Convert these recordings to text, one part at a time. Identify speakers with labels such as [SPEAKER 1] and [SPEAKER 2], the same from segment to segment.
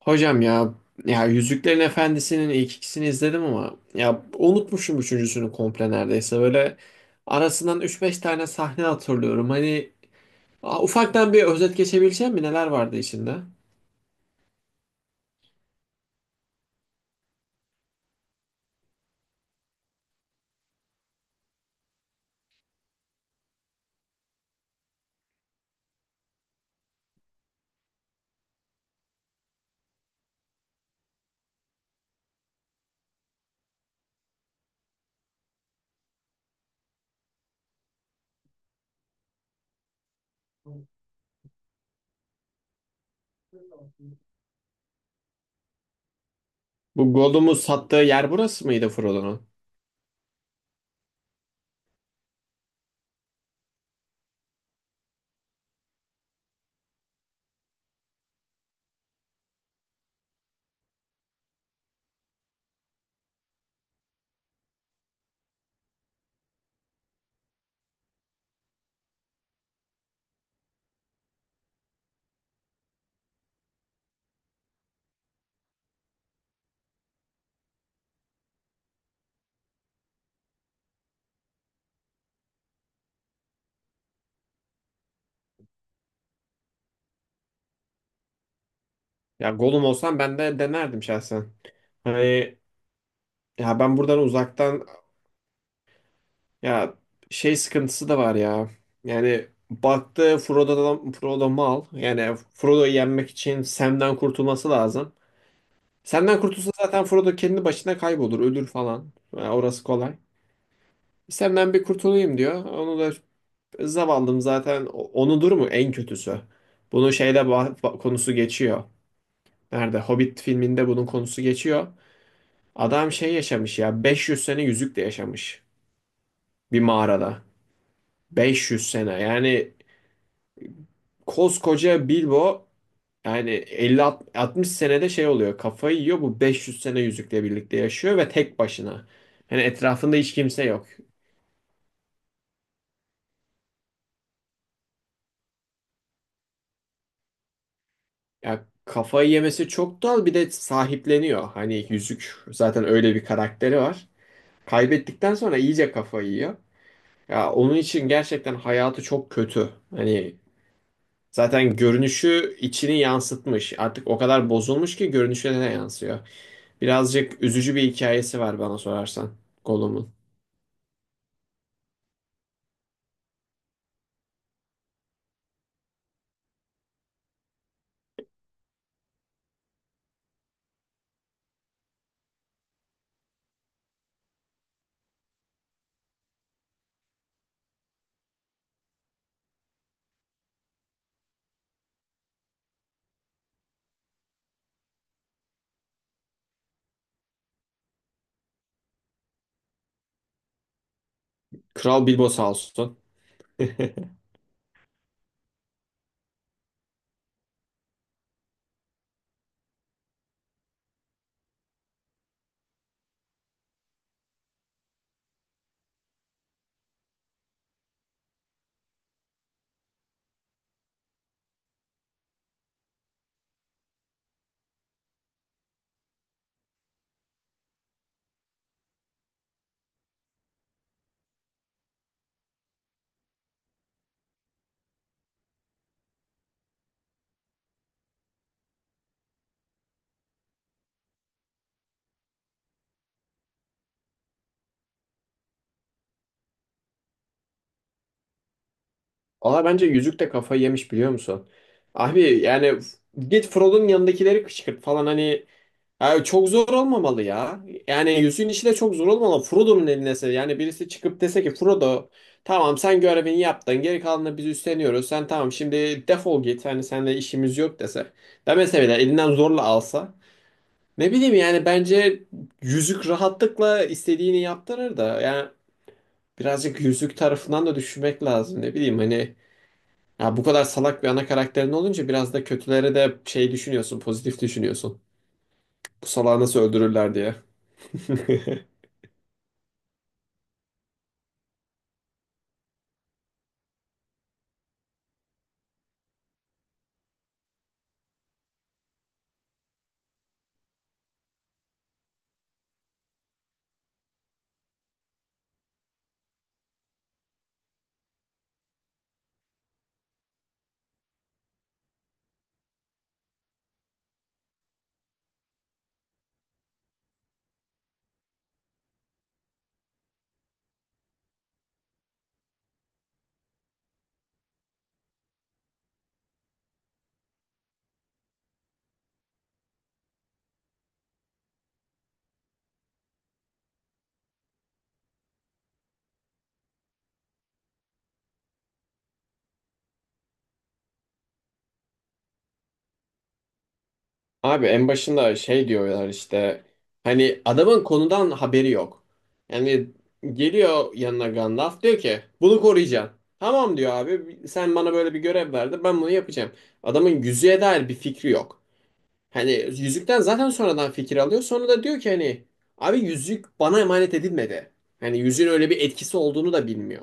[SPEAKER 1] Hocam ya Yüzüklerin Efendisi'nin ilk ikisini izledim, ama ya unutmuşum üçüncüsünü komple neredeyse. Böyle arasından üç beş tane sahne hatırlıyorum. Hani ufaktan bir özet geçebileceğim mi? Neler vardı içinde? Bu Gollum'u sattığı yer burası mıydı Frodo'nun? Ya Gollum olsam ben de denerdim şahsen. Hani ya, ben buradan uzaktan, ya, şey sıkıntısı da var ya. Yani baktı, Frodo'dan Frodo mal. Yani Frodo'yu yenmek için Sam'den kurtulması lazım. Sam'den kurtulsa zaten Frodo kendi başına kaybolur, ölür falan. Ya orası kolay. Sam'den bir kurtulayım diyor. Onu da zavallım, zaten onudur mu en kötüsü. Bunu şeyde konusu geçiyor. Nerede? Hobbit filminde bunun konusu geçiyor. Adam şey yaşamış ya, 500 sene yüzükle yaşamış bir mağarada. 500 sene yani, koskoca Bilbo, yani 50-60 senede şey oluyor, kafayı yiyor, bu 500 sene yüzükle birlikte yaşıyor ve tek başına. Hani etrafında hiç kimse yok. Ya kafayı yemesi çok doğal, bir de sahipleniyor. Hani yüzük zaten öyle bir karakteri var. Kaybettikten sonra iyice kafayı yiyor. Ya onun için gerçekten hayatı çok kötü. Hani zaten görünüşü içini yansıtmış. Artık o kadar bozulmuş ki görünüşüne de yansıyor. Birazcık üzücü bir hikayesi var bana sorarsan, Gollum'un. Kral Bilbo sağ olsun. Valla bence Yüzük de kafayı yemiş, biliyor musun? Abi yani, git Frodo'nun yanındakileri kışkırt falan, hani, abi çok zor olmamalı ya. Yani yüzüğün işi de çok zor olmamalı. Frodo'nun eline yani, birisi çıkıp dese ki, Frodo, tamam sen görevini yaptın, geri kalanını biz üstleniyoruz. Sen tamam, şimdi defol git, hani seninle işimiz yok dese. Demese bile elinden zorla alsa. Ne bileyim yani, bence yüzük rahatlıkla istediğini yaptırır da, yani birazcık yüzük tarafından da düşünmek lazım. Ne bileyim hani, ya bu kadar salak bir ana karakterin olunca biraz da kötülere de şey düşünüyorsun, pozitif düşünüyorsun. Bu salağı nasıl öldürürler diye. Abi en başında şey diyorlar işte, hani adamın konudan haberi yok. Yani geliyor yanına Gandalf, diyor ki bunu koruyacaksın. Tamam diyor, abi sen bana böyle bir görev verdin, ben bunu yapacağım. Adamın yüzüğe dair bir fikri yok. Hani yüzükten zaten sonradan fikir alıyor, sonra da diyor ki hani, abi yüzük bana emanet edilmedi. Hani yüzüğün öyle bir etkisi olduğunu da bilmiyor.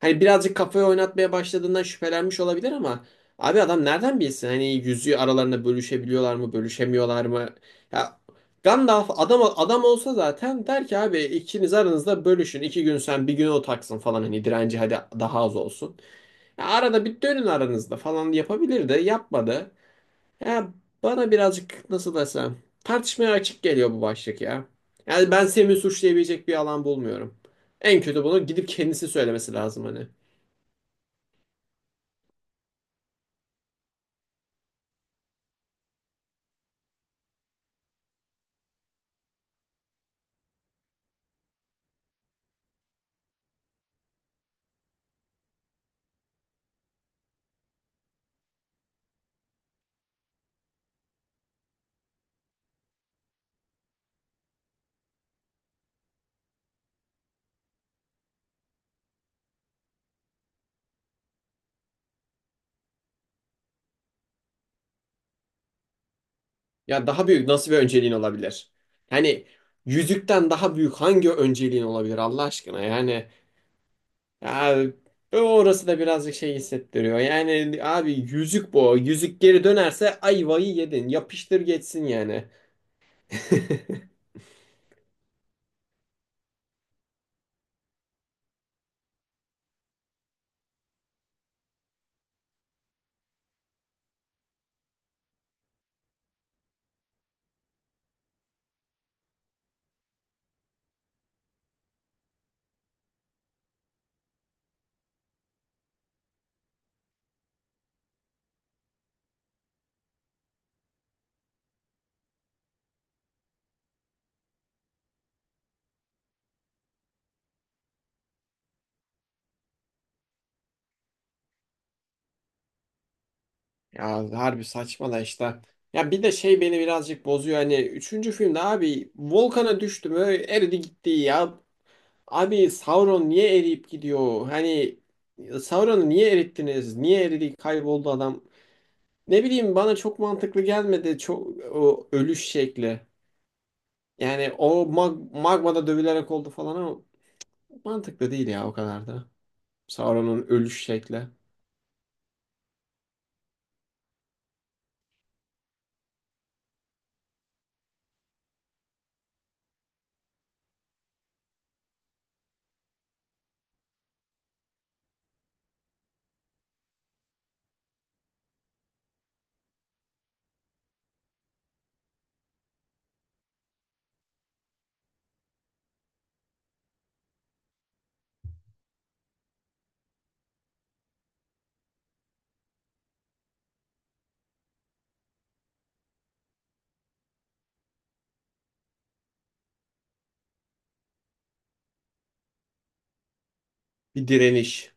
[SPEAKER 1] Hani birazcık kafayı oynatmaya başladığından şüphelenmiş olabilir ama, abi adam nereden bilsin, hani yüzüğü aralarında bölüşebiliyorlar mı, bölüşemiyorlar mı? Ya Gandalf adam adam olsa zaten der ki, abi ikiniz aranızda bölüşün, iki gün sen bir gün o taksın falan, hani direnci hadi daha az olsun. Ya arada bir dönün aranızda falan, yapabilir de yapmadı. Ya bana birazcık, nasıl desem, tartışmaya açık geliyor bu başlık ya. Yani ben Semih suçlayabilecek bir alan bulmuyorum. En kötü bunu gidip kendisi söylemesi lazım, hani. Ya daha büyük nasıl bir önceliğin olabilir? Yani yüzükten daha büyük hangi önceliğin olabilir Allah aşkına? Yani ya, orası da birazcık şey hissettiriyor. Yani abi yüzük bu. Yüzük geri dönerse ayvayı yedin. Yapıştır geçsin yani. Ya harbi saçma da işte. Ya bir de şey beni birazcık bozuyor. Hani üçüncü filmde, abi volkana düştü mü eridi gitti ya. Abi Sauron niye eriyip gidiyor? Hani Sauron'u niye erittiniz? Niye eridi, kayboldu adam? Ne bileyim, bana çok mantıklı gelmedi çok o ölüş şekli. Yani o magmada dövülerek oldu falan ama, mantıklı değil ya o kadar da. Sauron'un ölüş şekli. Bir direniş.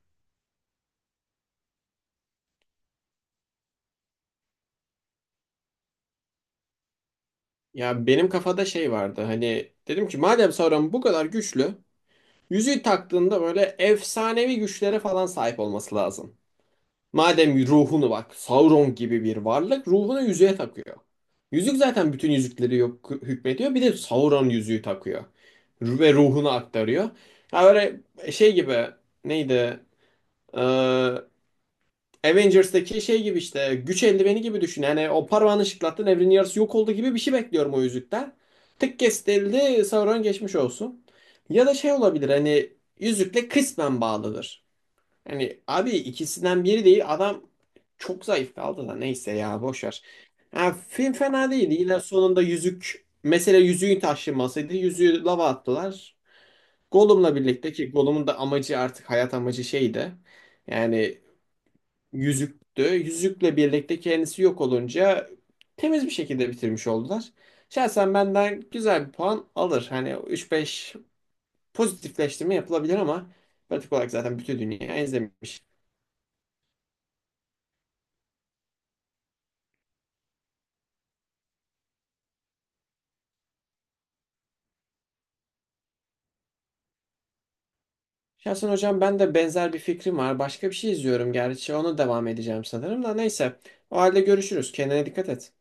[SPEAKER 1] Ya benim kafada şey vardı, hani dedim ki madem Sauron bu kadar güçlü, yüzüğü taktığında böyle efsanevi güçlere falan sahip olması lazım. Madem ruhunu, bak Sauron gibi bir varlık ruhunu yüzüğe takıyor. Yüzük zaten bütün yüzükleri yok, hükmediyor. Bir de Sauron yüzüğü takıyor. Ve ruhunu aktarıyor. Ha böyle şey gibi, neydi? Ee, Avengers'taki şey gibi, işte güç eldiveni gibi düşün. Yani o parmağını şıklattın, evrenin yarısı yok oldu gibi bir şey bekliyorum o yüzükten. Tık kestildi, Sauron geçmiş olsun. Ya da şey olabilir hani, yüzükle kısmen bağlıdır. Hani abi, ikisinden biri değil, adam çok zayıf kaldı da, neyse ya, boş ver. Ha, film fena değildi. Yine sonunda yüzük mesele, yüzüğün taşınmasıydı. Yüzüğü lava attılar. Gollum'la birlikte, ki Gollum'un da amacı, artık hayat amacı şeydi. Yani yüzüktü. Yüzükle birlikte kendisi yok olunca temiz bir şekilde bitirmiş oldular. Şahsen benden güzel bir puan alır. Hani üç beş pozitifleştirme yapılabilir ama, pratik olarak zaten bütün dünya izlemiş. Şahsen hocam ben de, benzer bir fikrim var. Başka bir şey izliyorum gerçi. Ona devam edeceğim sanırım da, neyse. O halde görüşürüz. Kendine dikkat et.